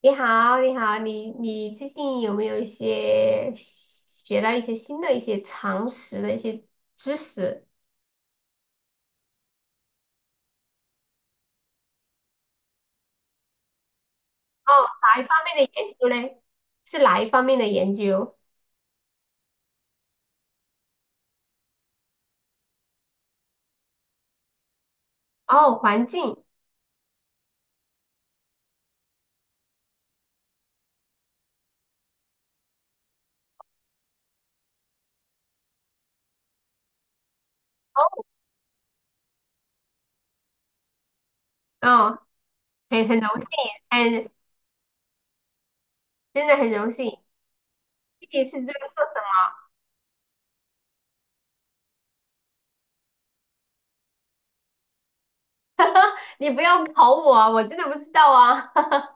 你好，你好。你最近有没有一些学到一些新的一些常识的一些知识？哦，哪一方面的研究嘞？是哪一方面的研究？哦，环境。哦，很荣幸，很真的很荣幸。具体是在做什么？你不要考我啊，我真的不知道啊。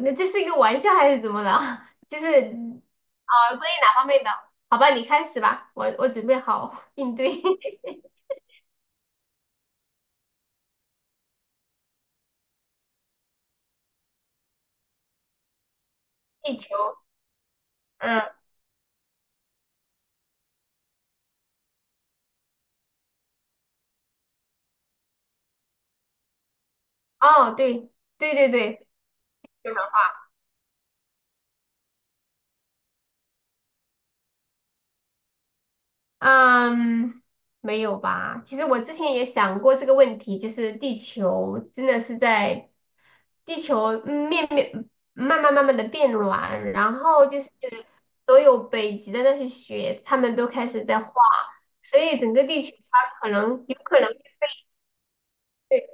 那这是一个玩笑还是怎么了？就是啊，关于哪方面的？好吧，你开始吧，我准备好应对。 地球。嗯。哦，对对对对。嗯，没有吧？其实我之前也想过这个问题，就是地球真的是在地球嗯面面慢慢的变软，然后就是所有北极的那些雪，它们都开始在化，所以整个地球它可能有可能。对。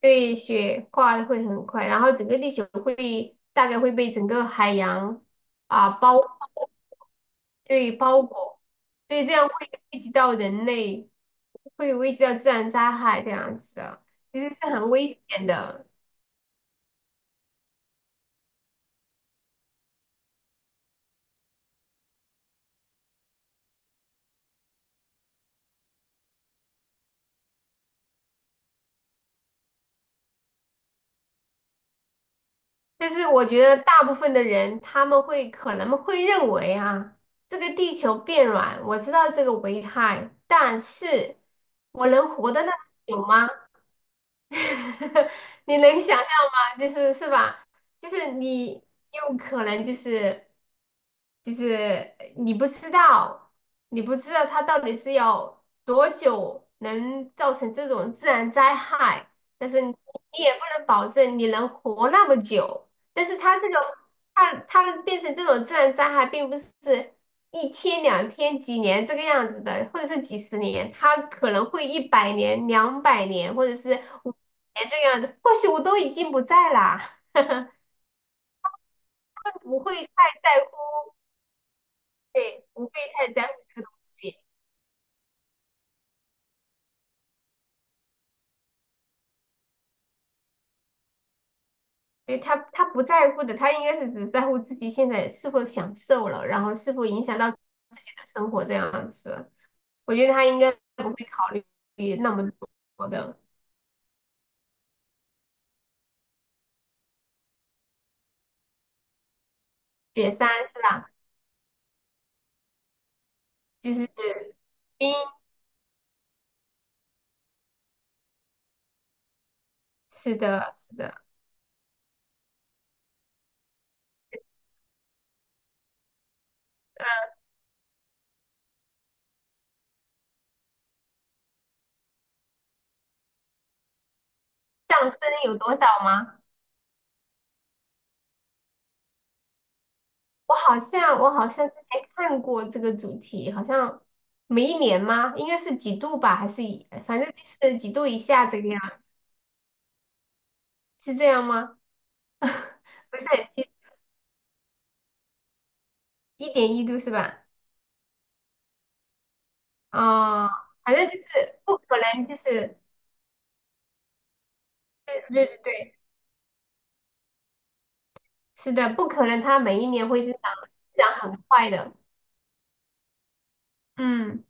对，雪化的会很快，然后整个地球会大概会被整个海洋啊包。对包裹，所以这样会危及到人类，会危及到自然灾害这样子的，其实是很危险的。但是我觉得大部分的人他们会可能会认为啊，这个地球变软，我知道这个危害，但是我能活得那么久吗？你能想象吗？就是是吧？就是你有可能，就是你不知道，你不知道它到底是要多久能造成这种自然灾害，但是你也不能保证你能活那么久。但是它这种它变成这种自然灾害，并不是一天、2天、几年这个样子的，或者是几十年，他可能会100年、200年，或者是5年这个样子。或许我都已经不在啦，他不会太在乎，对，不会太在乎这个东西。对。他不在乎的，他应该是只在乎自己现在是否享受了，然后是否影响到自己的生活这样子。我觉得他应该不会考虑那么多的。点三是吧？就是冰。是的，是的。上升有多少吗？我好像之前看过这个主题，好像每一年吗？应该是几度吧，还是反正就是几度以下这个样，是这样吗？不是很记，1.1度是吧？啊，反正就是不可能，就是对对对对，是的，不可能，它每一年会增长，增长很快的。嗯，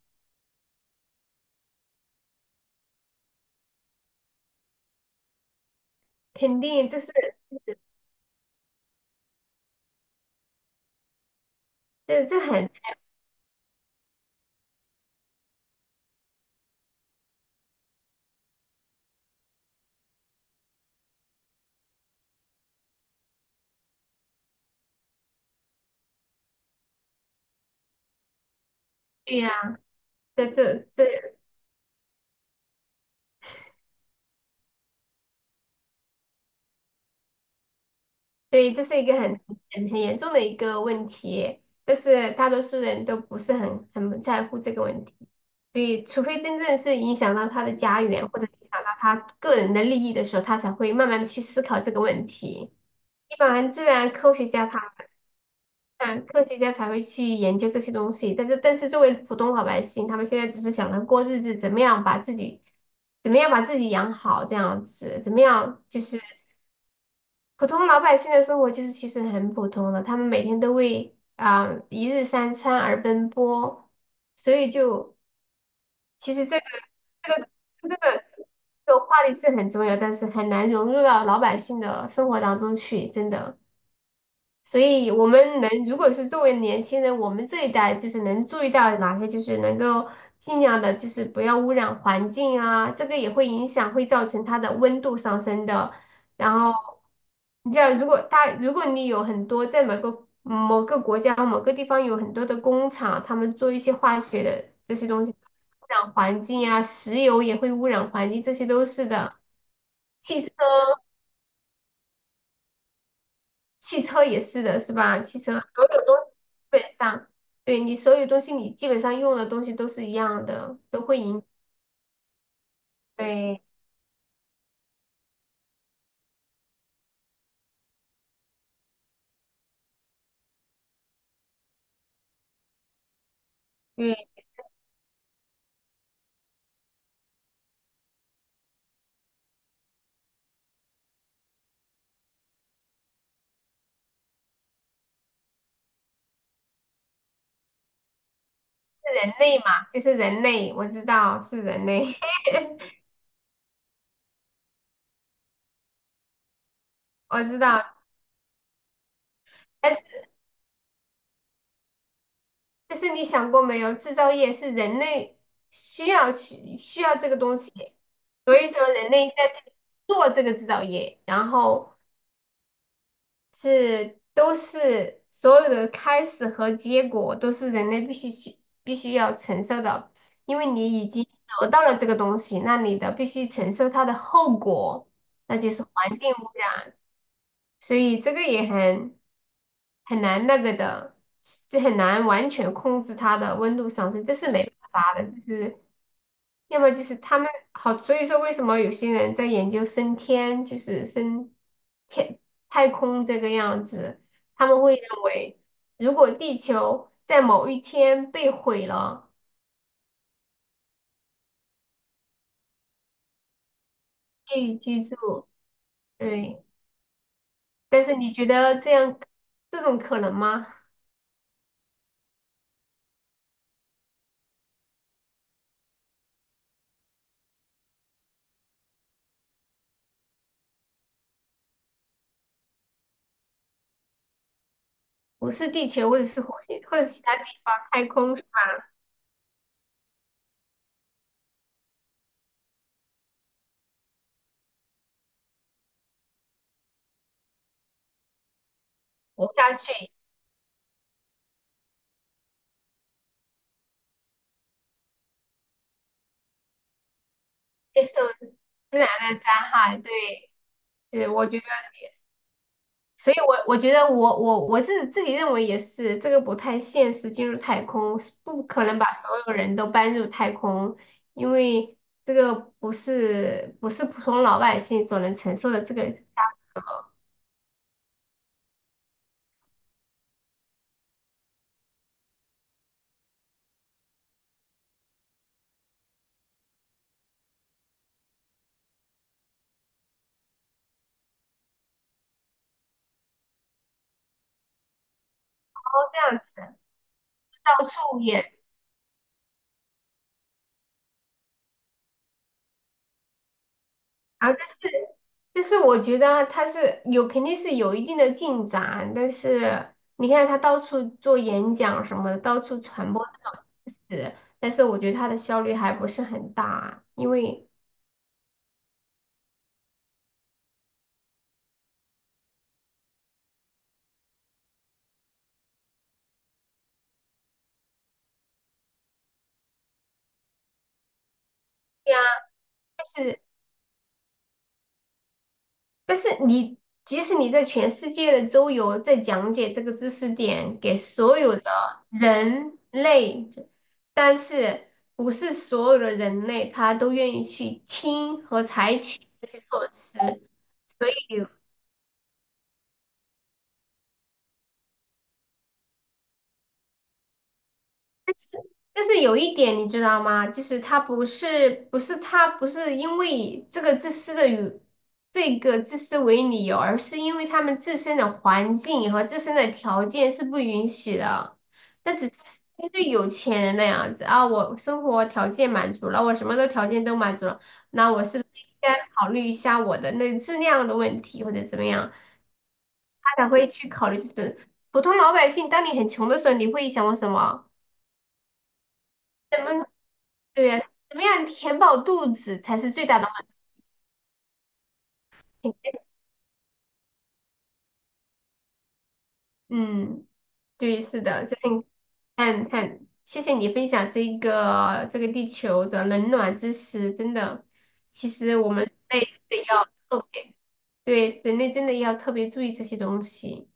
肯定，这是很对呀、这对，这是一个很严重的一个问题，但是大多数人都不是很在乎这个问题，所以除非真正是影响到他的家园或者影响到他个人的利益的时候，他才会慢慢的去思考这个问题。一般自然科学家他，嗯，科学家才会去研究这些东西，但是作为普通老百姓，他们现在只是想着过日子，怎么样把自己，怎么样把自己养好，这样子，怎么样就是。普通老百姓的生活就是其实很普通的，他们每天都为啊、一日三餐而奔波，所以就其实这个这个这个话题是很重要，但是很难融入到老百姓的生活当中去，真的。所以我们能，如果是作为年轻人，我们这一代就是能注意到哪些，就是能够尽量的，就是不要污染环境啊，这个也会影响，会造成它的温度上升的。然后，你知道，如果你有很多在某个国家某个地方有很多的工厂，他们做一些化学的这些东西，污染环境啊，石油也会污染环境，这些都是的。汽车汽车也是的，是吧？汽车所有东西基本上，对你所有东西，你基本上用的东西都是一样的，都会赢。对，因为是人类嘛，就是人类，我知道是人类。我知道。但是，但是你想过没有，制造业是人类需要这个东西，所以说人类在做这个制造业，然后是都是所有的开始和结果都是人类必须要承受的，因为你已经得到了这个东西，那你的必须承受它的后果，那就是环境污染，所以这个也很难那个的，就很难完全控制它的温度上升，这是没办法的，就是要么就是他们好，所以说为什么有些人在研究升天，就是升天太空这个样子，他们会认为，如果地球在某一天被毁了，可以居住。对。但是你觉得这种可能吗？不是地球，或者是火星，或者其他地方太空活下去，接受自然的灾害，对，是我觉得。所以我觉得我我我自己认为也是，这个不太现实，进入太空不可能把所有人都搬入太空，因为这个不是普通老百姓所能承受的这个然后这样子后也啊，但是我觉得他肯定是有一定的进展，但是你看他到处做演讲什么的，到处传播这种知识，但是我觉得他的效率还不是很大，因为。对，但是。但是你即使你在全世界的周游，在讲解这个知识点给所有的人类，但是不是所有的人类他都愿意去听和采取这些措施，所以但是但是有一点你知道吗？就是他不是因为这个自私的与这个自私为理由，而是因为他们自身的环境和自身的条件是不允许的。那只是因为有钱人那样子啊，我生活条件满足了，我什么的条件都满足了，那我是不是应该考虑一下我的那质量的问题或者怎么样？他才会去考虑这种普通老百姓。当你很穷的时候，你会想我什么？怎么？对，呀，怎么样填饱肚子才是最大的满足。嗯，对，是的，所以你看看，谢谢你分享这个地球的冷暖知识，真的，其实我们人类真的要特别，对，人类真的要特别注意这些东西。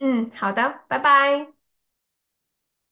嗯，好的，拜拜。